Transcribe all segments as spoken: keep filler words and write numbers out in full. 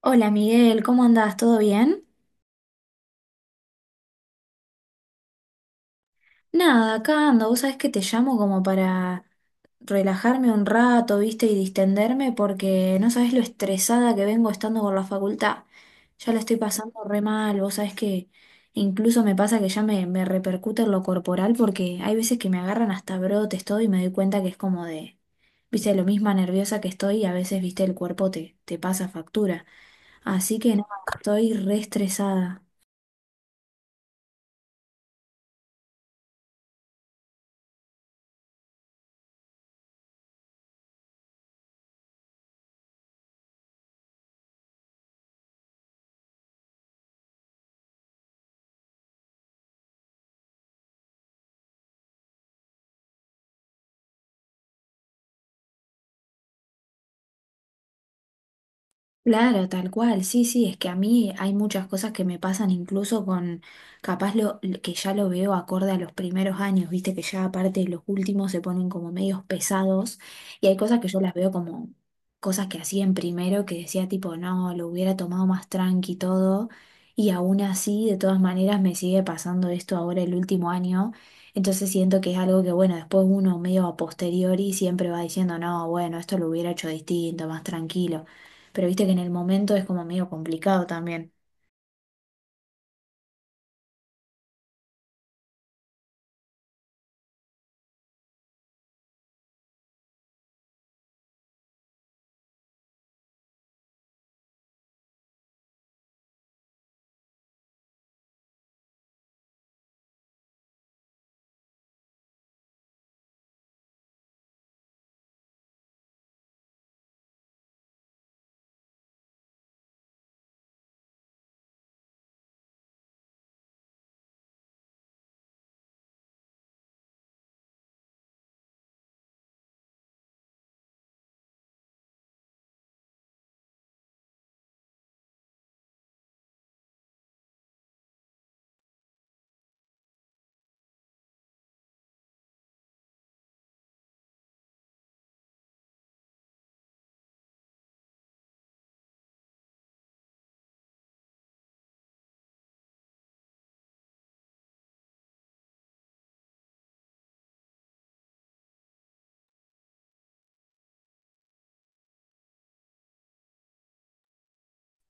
Hola Miguel, ¿cómo andás? ¿Todo bien? Nada, acá ando. Vos sabés que te llamo como para relajarme un rato, ¿viste? Y distenderme porque no sabés lo estresada que vengo estando con la facultad. Ya la estoy pasando re mal. Vos sabés que incluso me pasa que ya me, me repercute en lo corporal porque hay veces que me agarran hasta brotes todo y me doy cuenta que es como de, viste, lo misma nerviosa que estoy y a veces, viste, el cuerpo te, te pasa factura. Así que no, estoy re estresada. Claro, tal cual, sí, sí, es que a mí hay muchas cosas que me pasan incluso con, capaz lo, que ya lo veo acorde a los primeros años, viste que ya aparte los últimos se ponen como medios pesados y hay cosas que yo las veo como cosas que hacía en primero que decía tipo, no, lo hubiera tomado más tranqui y todo y aún así, de todas maneras, me sigue pasando esto ahora el último año, entonces siento que es algo que, bueno, después uno medio a posteriori siempre va diciendo, no, bueno, esto lo hubiera hecho distinto, más tranquilo pero viste que en el momento es como medio complicado también.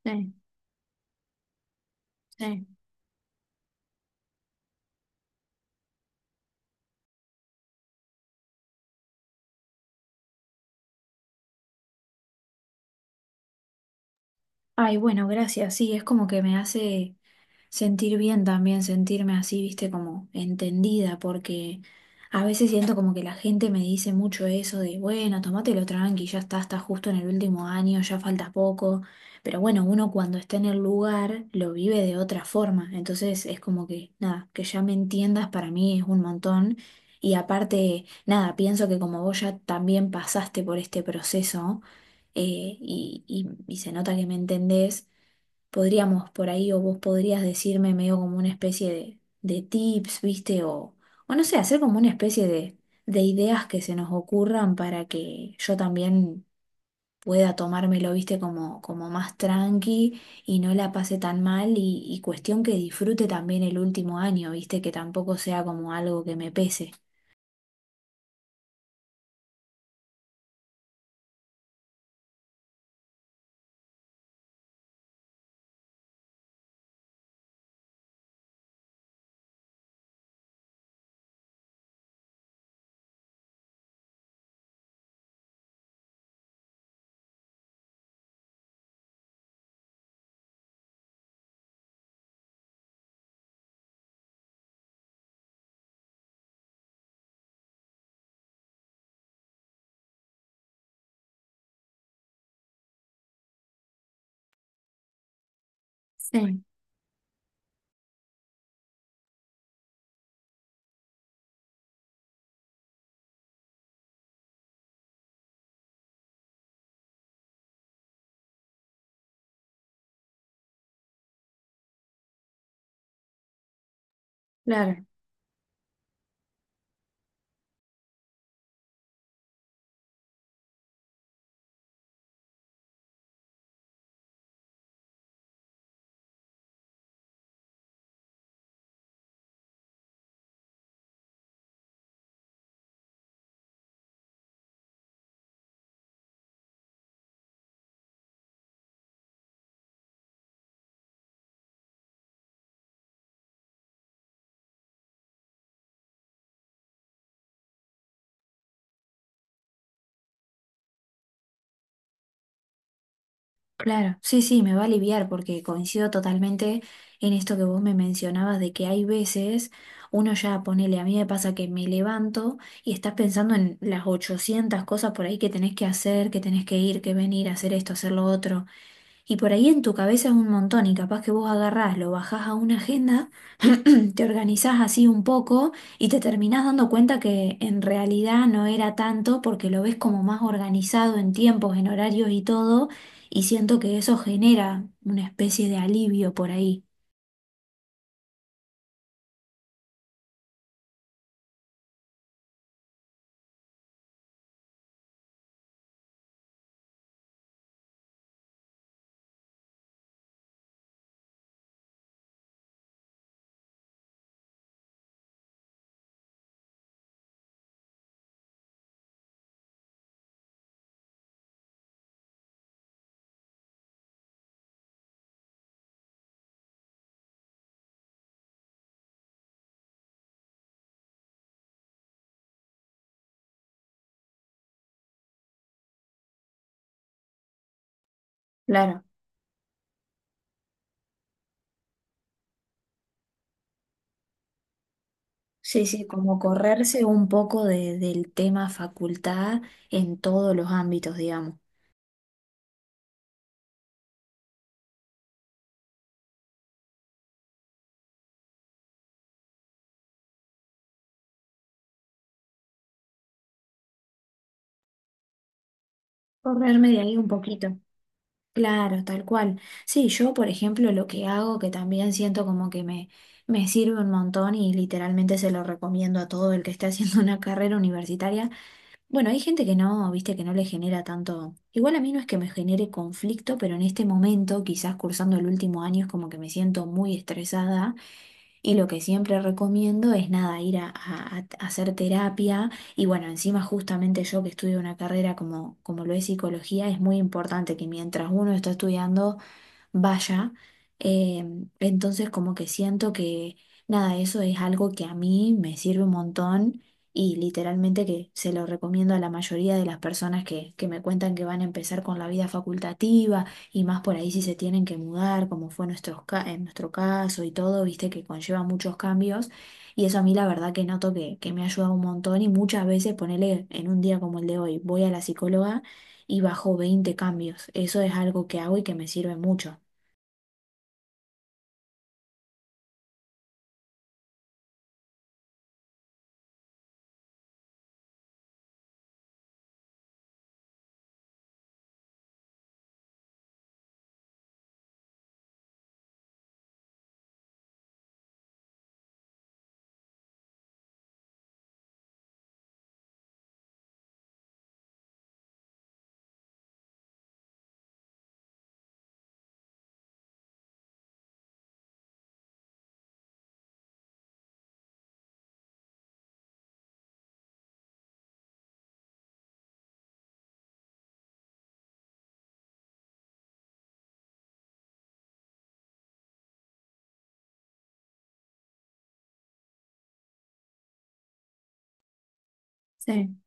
Sí, sí. Ay, bueno, gracias. Sí, es como que me hace sentir bien también, sentirme así, viste, como entendida, porque a veces siento como que la gente me dice mucho eso de, bueno, tomátelo tranqui, ya está, está justo en el último año, ya falta poco, pero bueno, uno cuando está en el lugar lo vive de otra forma, entonces es como que, nada, que ya me entiendas para mí es un montón. Y aparte, nada, pienso que como vos ya también pasaste por este proceso, eh, y, y y se nota que me entendés, podríamos por ahí, o vos podrías decirme medio como una especie de, de tips, ¿viste? O, o no sé, hacer como una especie de, de ideas que se nos ocurran para que yo también pueda tomármelo, ¿viste? Como, como más tranqui y no la pase tan mal y, y cuestión que disfrute también el último año, ¿viste? Que tampoco sea como algo que me pese. Sí, claro. Claro, sí, sí, me va a aliviar porque coincido totalmente en esto que vos me mencionabas de que hay veces uno ya ponele, a mí me pasa que me levanto y estás pensando en las ochocientas cosas por ahí que tenés que hacer, que tenés que ir, que venir, hacer esto, hacer lo otro. Y por ahí en tu cabeza es un montón y capaz que vos agarrás, lo bajás a una agenda. Te organizás así un poco y te terminás dando cuenta que en realidad no era tanto porque lo ves como más organizado en tiempos, en horarios y todo, y siento que eso genera una especie de alivio por ahí. Claro, sí, sí, como correrse un poco de- del tema facultad en todos los ámbitos, digamos. Correrme de ahí un poquito. Claro, tal cual. Sí, yo, por ejemplo, lo que hago, que también siento como que me, me sirve un montón y literalmente se lo recomiendo a todo el que esté haciendo una carrera universitaria. Bueno, hay gente que no, viste, que no le genera tanto. Igual a mí no es que me genere conflicto, pero en este momento, quizás cursando el último año, es como que me siento muy estresada y lo que siempre recomiendo es nada, ir a, a- a hacer terapia. Y bueno, encima justamente yo que estudio una carrera como, como lo es psicología, es muy importante que mientras uno está estudiando vaya. Em, entonces como que siento que nada, eso es algo que a mí me sirve un montón y literalmente que se lo recomiendo a la mayoría de las personas que, que me cuentan que van a empezar con la vida facultativa y más por ahí si se tienen que mudar, como fue nuestro, en nuestro caso y todo, viste que conlleva muchos cambios. Y eso a mí la verdad que noto que, que me ha ayudado un montón y muchas veces ponerle en un día como el de hoy, voy a la psicóloga y bajo veinte cambios. Eso es algo que hago y que me sirve mucho. Sí,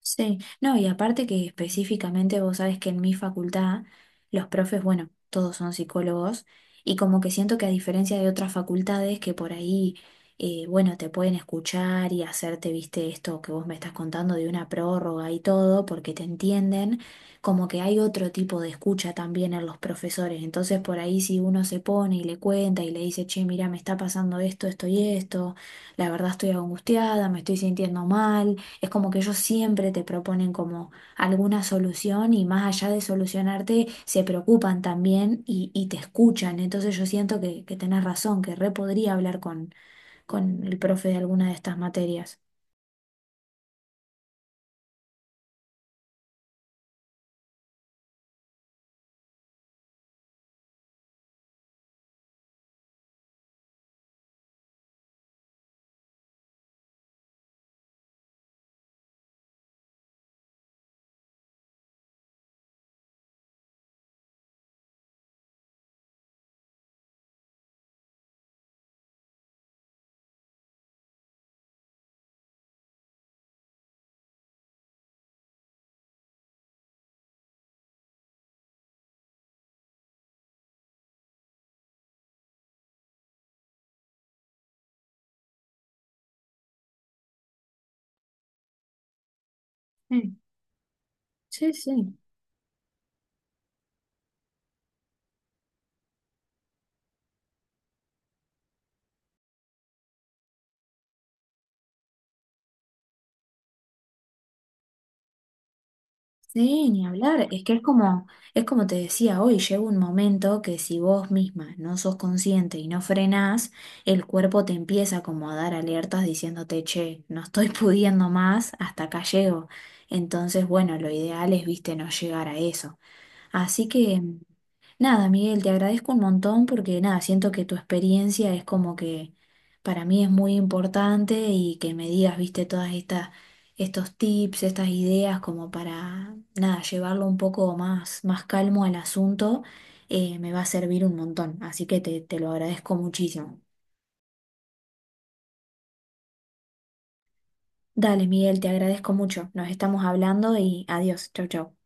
sí. No, y aparte que específicamente vos sabés que en mi facultad los profes, bueno, todos son psicólogos y como que siento que a diferencia de otras facultades que por ahí, eh, bueno, te pueden escuchar y hacerte, viste, esto que vos me estás contando de una prórroga y todo, porque te entienden, como que hay otro tipo de escucha también en los profesores. Entonces por ahí si uno se pone y le cuenta y le dice, che, mira, me está pasando esto, esto y esto, la verdad estoy angustiada, me estoy sintiendo mal. Es como que ellos siempre te proponen como alguna solución y más allá de solucionarte, se preocupan también y, y te escuchan. Entonces yo siento que, que tenés razón, que re podría hablar con, con el profe de alguna de estas materias. Sí, sí, sí. Sí, ni hablar, es que es como, es como te decía hoy, llega un momento que si vos misma no sos consciente y no frenás, el cuerpo te empieza como a dar alertas diciéndote, che, no estoy pudiendo más, hasta acá llego. Entonces, bueno, lo ideal es, viste, no llegar a eso. Así que, nada, Miguel, te agradezco un montón porque, nada, siento que tu experiencia es como que para mí es muy importante y que me digas, viste, todas estas, estos tips, estas ideas como para, nada, llevarlo un poco más, más calmo al asunto, eh, me va a servir un montón. Así que te, te lo agradezco muchísimo. Dale, Miguel, te agradezco mucho. Nos estamos hablando y adiós. Chau, chau.